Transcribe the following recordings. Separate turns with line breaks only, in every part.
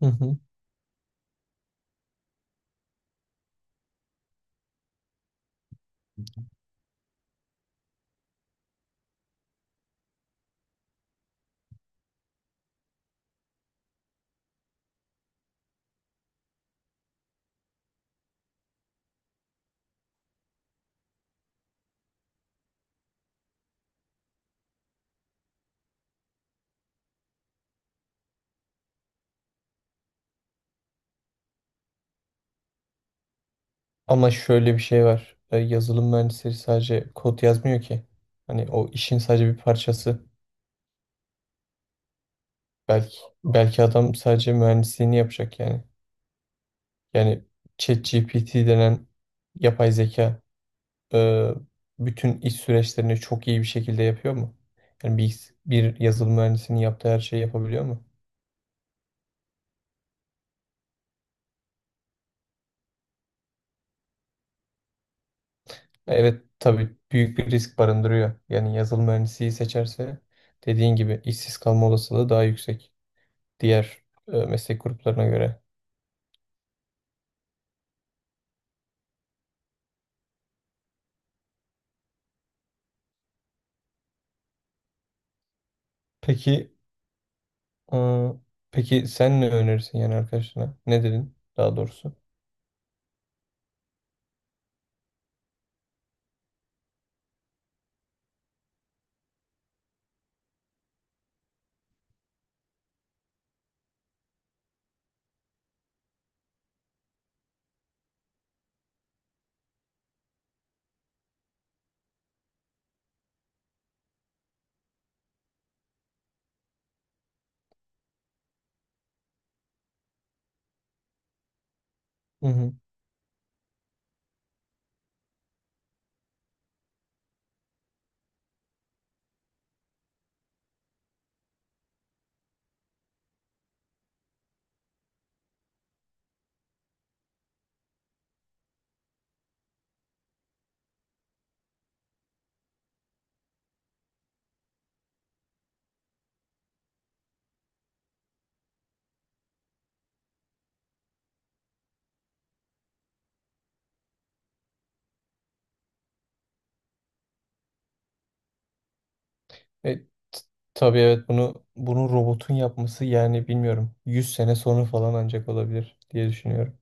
Hı hı. Ama şöyle bir şey var. Yazılım mühendisleri sadece kod yazmıyor ki. Hani o işin sadece bir parçası. Belki belki adam sadece mühendisliğini yapacak yani. Yani ChatGPT denen yapay zeka e, bütün iş süreçlerini çok iyi bir şekilde yapıyor mu? Yani bir yazılım mühendisinin yaptığı her şeyi yapabiliyor mu? Evet tabii büyük bir risk barındırıyor. Yani yazılım mühendisliği seçerse dediğin gibi işsiz kalma olasılığı daha yüksek. Diğer meslek gruplarına göre. Peki, e, peki sen ne önerirsin yani arkadaşına? Ne dedin daha doğrusu? Hı hı. E, t- tabii evet bunu robotun yapması yani bilmiyorum. 100 sene sonra falan ancak olabilir diye düşünüyorum.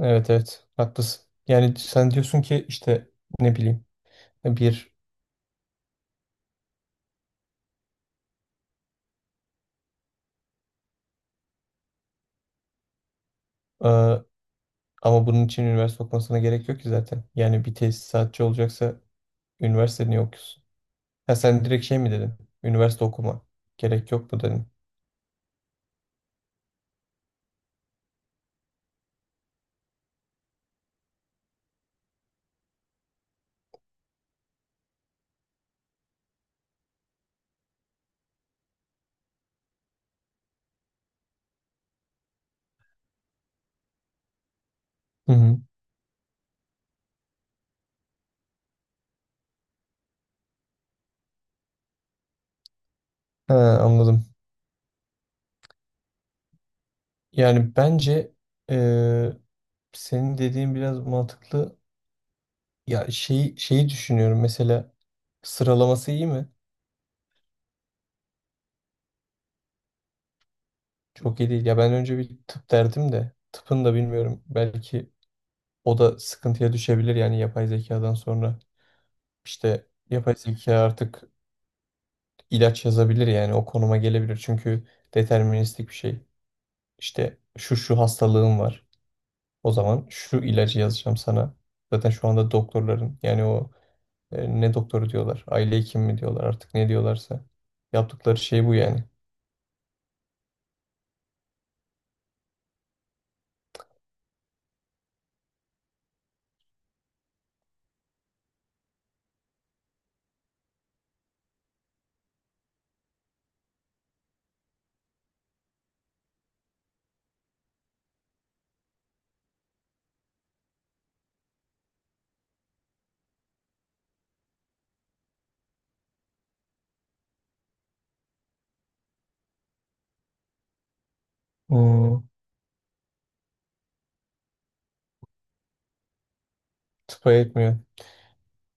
Evet evet haklısın. Yani sen diyorsun ki işte ne bileyim bir e, ama bunun için üniversite okumasına gerek yok ki zaten. Yani bir tesisatçı olacaksa üniversite niye okuyorsun? Ha sen direkt şey mi dedin? Üniversite okuma. Gerek yok mu dedin? Hı hı. Ha, anladım. Yani bence eee, senin dediğin biraz mantıklı. Ya şeyi düşünüyorum mesela sıralaması iyi mi? Çok iyi değil. Ya ben önce bir tıp derdim de tıpın da bilmiyorum. Belki o da sıkıntıya düşebilir yani yapay zekadan sonra. İşte yapay zeka artık ilaç yazabilir yani o konuma gelebilir. Çünkü deterministik bir şey. İşte şu hastalığım var. O zaman şu ilacı yazacağım sana. Zaten şu anda doktorların yani o ne doktoru diyorlar, aile hekimi mi diyorlar artık ne diyorlarsa. Yaptıkları şey bu yani. Hmm, tıpa etmiyor.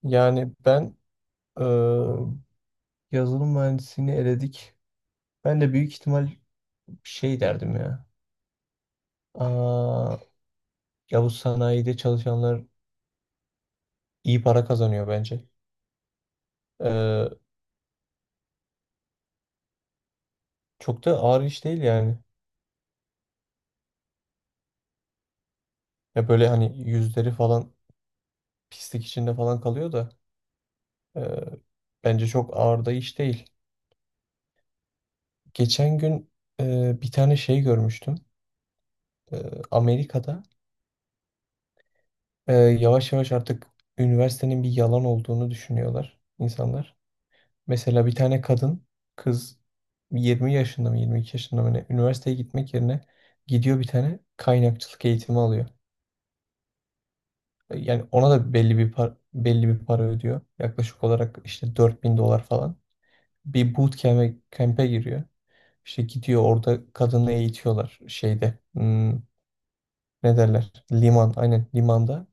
Yani ben e, yazılım mühendisliğini eledik. Ben de büyük ihtimal şey derdim ya. Aa, ya bu sanayide çalışanlar iyi para kazanıyor bence. Ee, çok da ağır iş değil yani. Ya böyle hani yüzleri falan pislik içinde falan kalıyor da e, bence çok ağır da iş değil. Geçen gün bir tane şey görmüştüm. E, Amerika'da yavaş yavaş artık üniversitenin bir yalan olduğunu düşünüyorlar insanlar. Mesela bir tane kadın kız 20 yaşında mı 22 yaşında mı ne üniversiteye gitmek yerine gidiyor bir tane kaynakçılık eğitimi alıyor. Yani ona da belli bir para ödüyor. Yaklaşık olarak işte 4.000 dolar falan. Bir camp'e giriyor. İşte gidiyor orada kadını eğitiyorlar şeyde. Hmm, ne derler? Liman. Aynen limanda.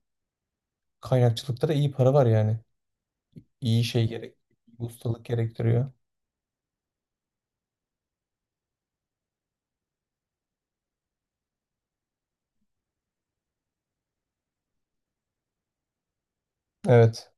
Kaynakçılıkta da iyi para var yani. İyi şey gerek. İyi ustalık gerektiriyor. Evet.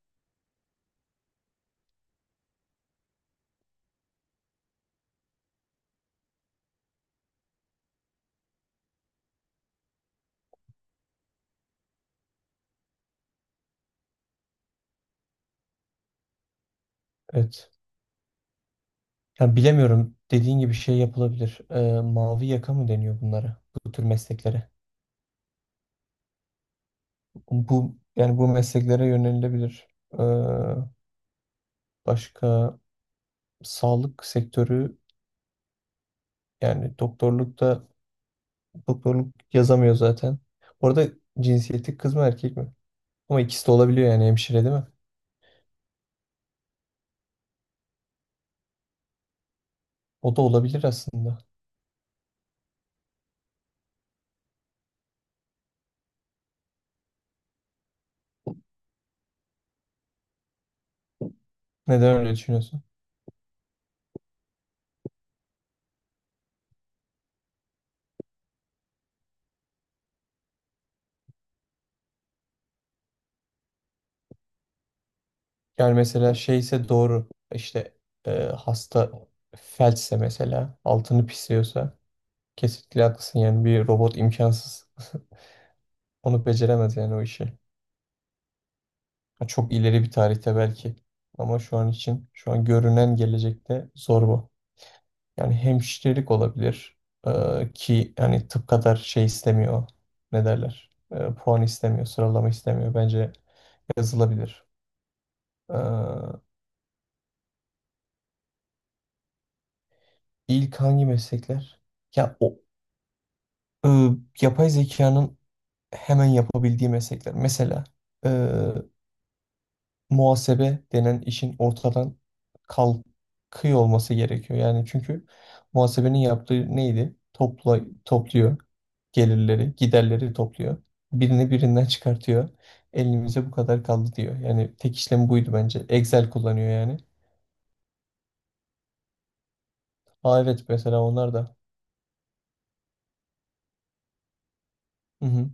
Evet. Yani bilemiyorum. Dediğin gibi şey yapılabilir. Mavi yaka mı deniyor bunlara? Bu tür mesleklere. Bu yani bu mesleklere yönelilebilir. Ee, başka sağlık sektörü yani doktorlukta doktorluk yazamıyor zaten. Orada cinsiyeti kız mı erkek mi? Ama ikisi de olabiliyor yani hemşire değil mi? O da olabilir aslında. Neden öyle düşünüyorsun? Yani mesela şeyse doğru işte hasta felçse mesela altını pisliyorsa kesinlikle haklısın yani bir robot imkansız. Onu beceremez yani o işi. Ha, çok ileri bir tarihte belki. Ama şu an için, şu an görünen gelecekte zor bu. Yani hemşirelik olabilir. Ki yani tıp kadar şey istemiyor. Ne derler? Puan istemiyor, sıralama istemiyor. Bence yazılabilir. Ee, ilk hangi meslekler? Ya o e, yapay zekanın hemen yapabildiği meslekler. Mesela muhasebe denen işin ortadan kalkıyor olması gerekiyor. Yani çünkü muhasebenin yaptığı neydi? Topla, topluyor gelirleri, giderleri topluyor. Birini birinden çıkartıyor. Elimize bu kadar kaldı diyor. Yani tek işlem buydu bence. Excel kullanıyor yani. Aa evet mesela onlar da. Hı hı.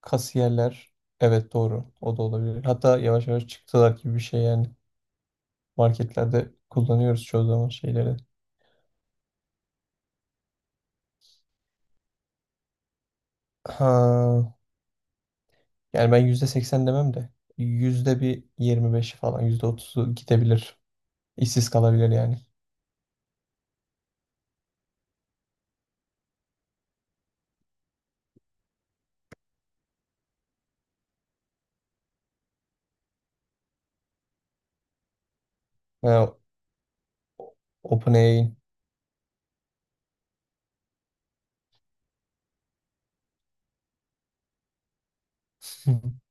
Kasiyerler. Evet doğru. O da olabilir. Hatta yavaş yavaş çıktılar gibi bir şey yani. Marketlerde kullanıyoruz çoğu zaman şeyleri. Ha. Yani ben %80 demem de %125 falan %30 gidebilir. İşsiz kalabilir yani. Ha, OpenAI'in.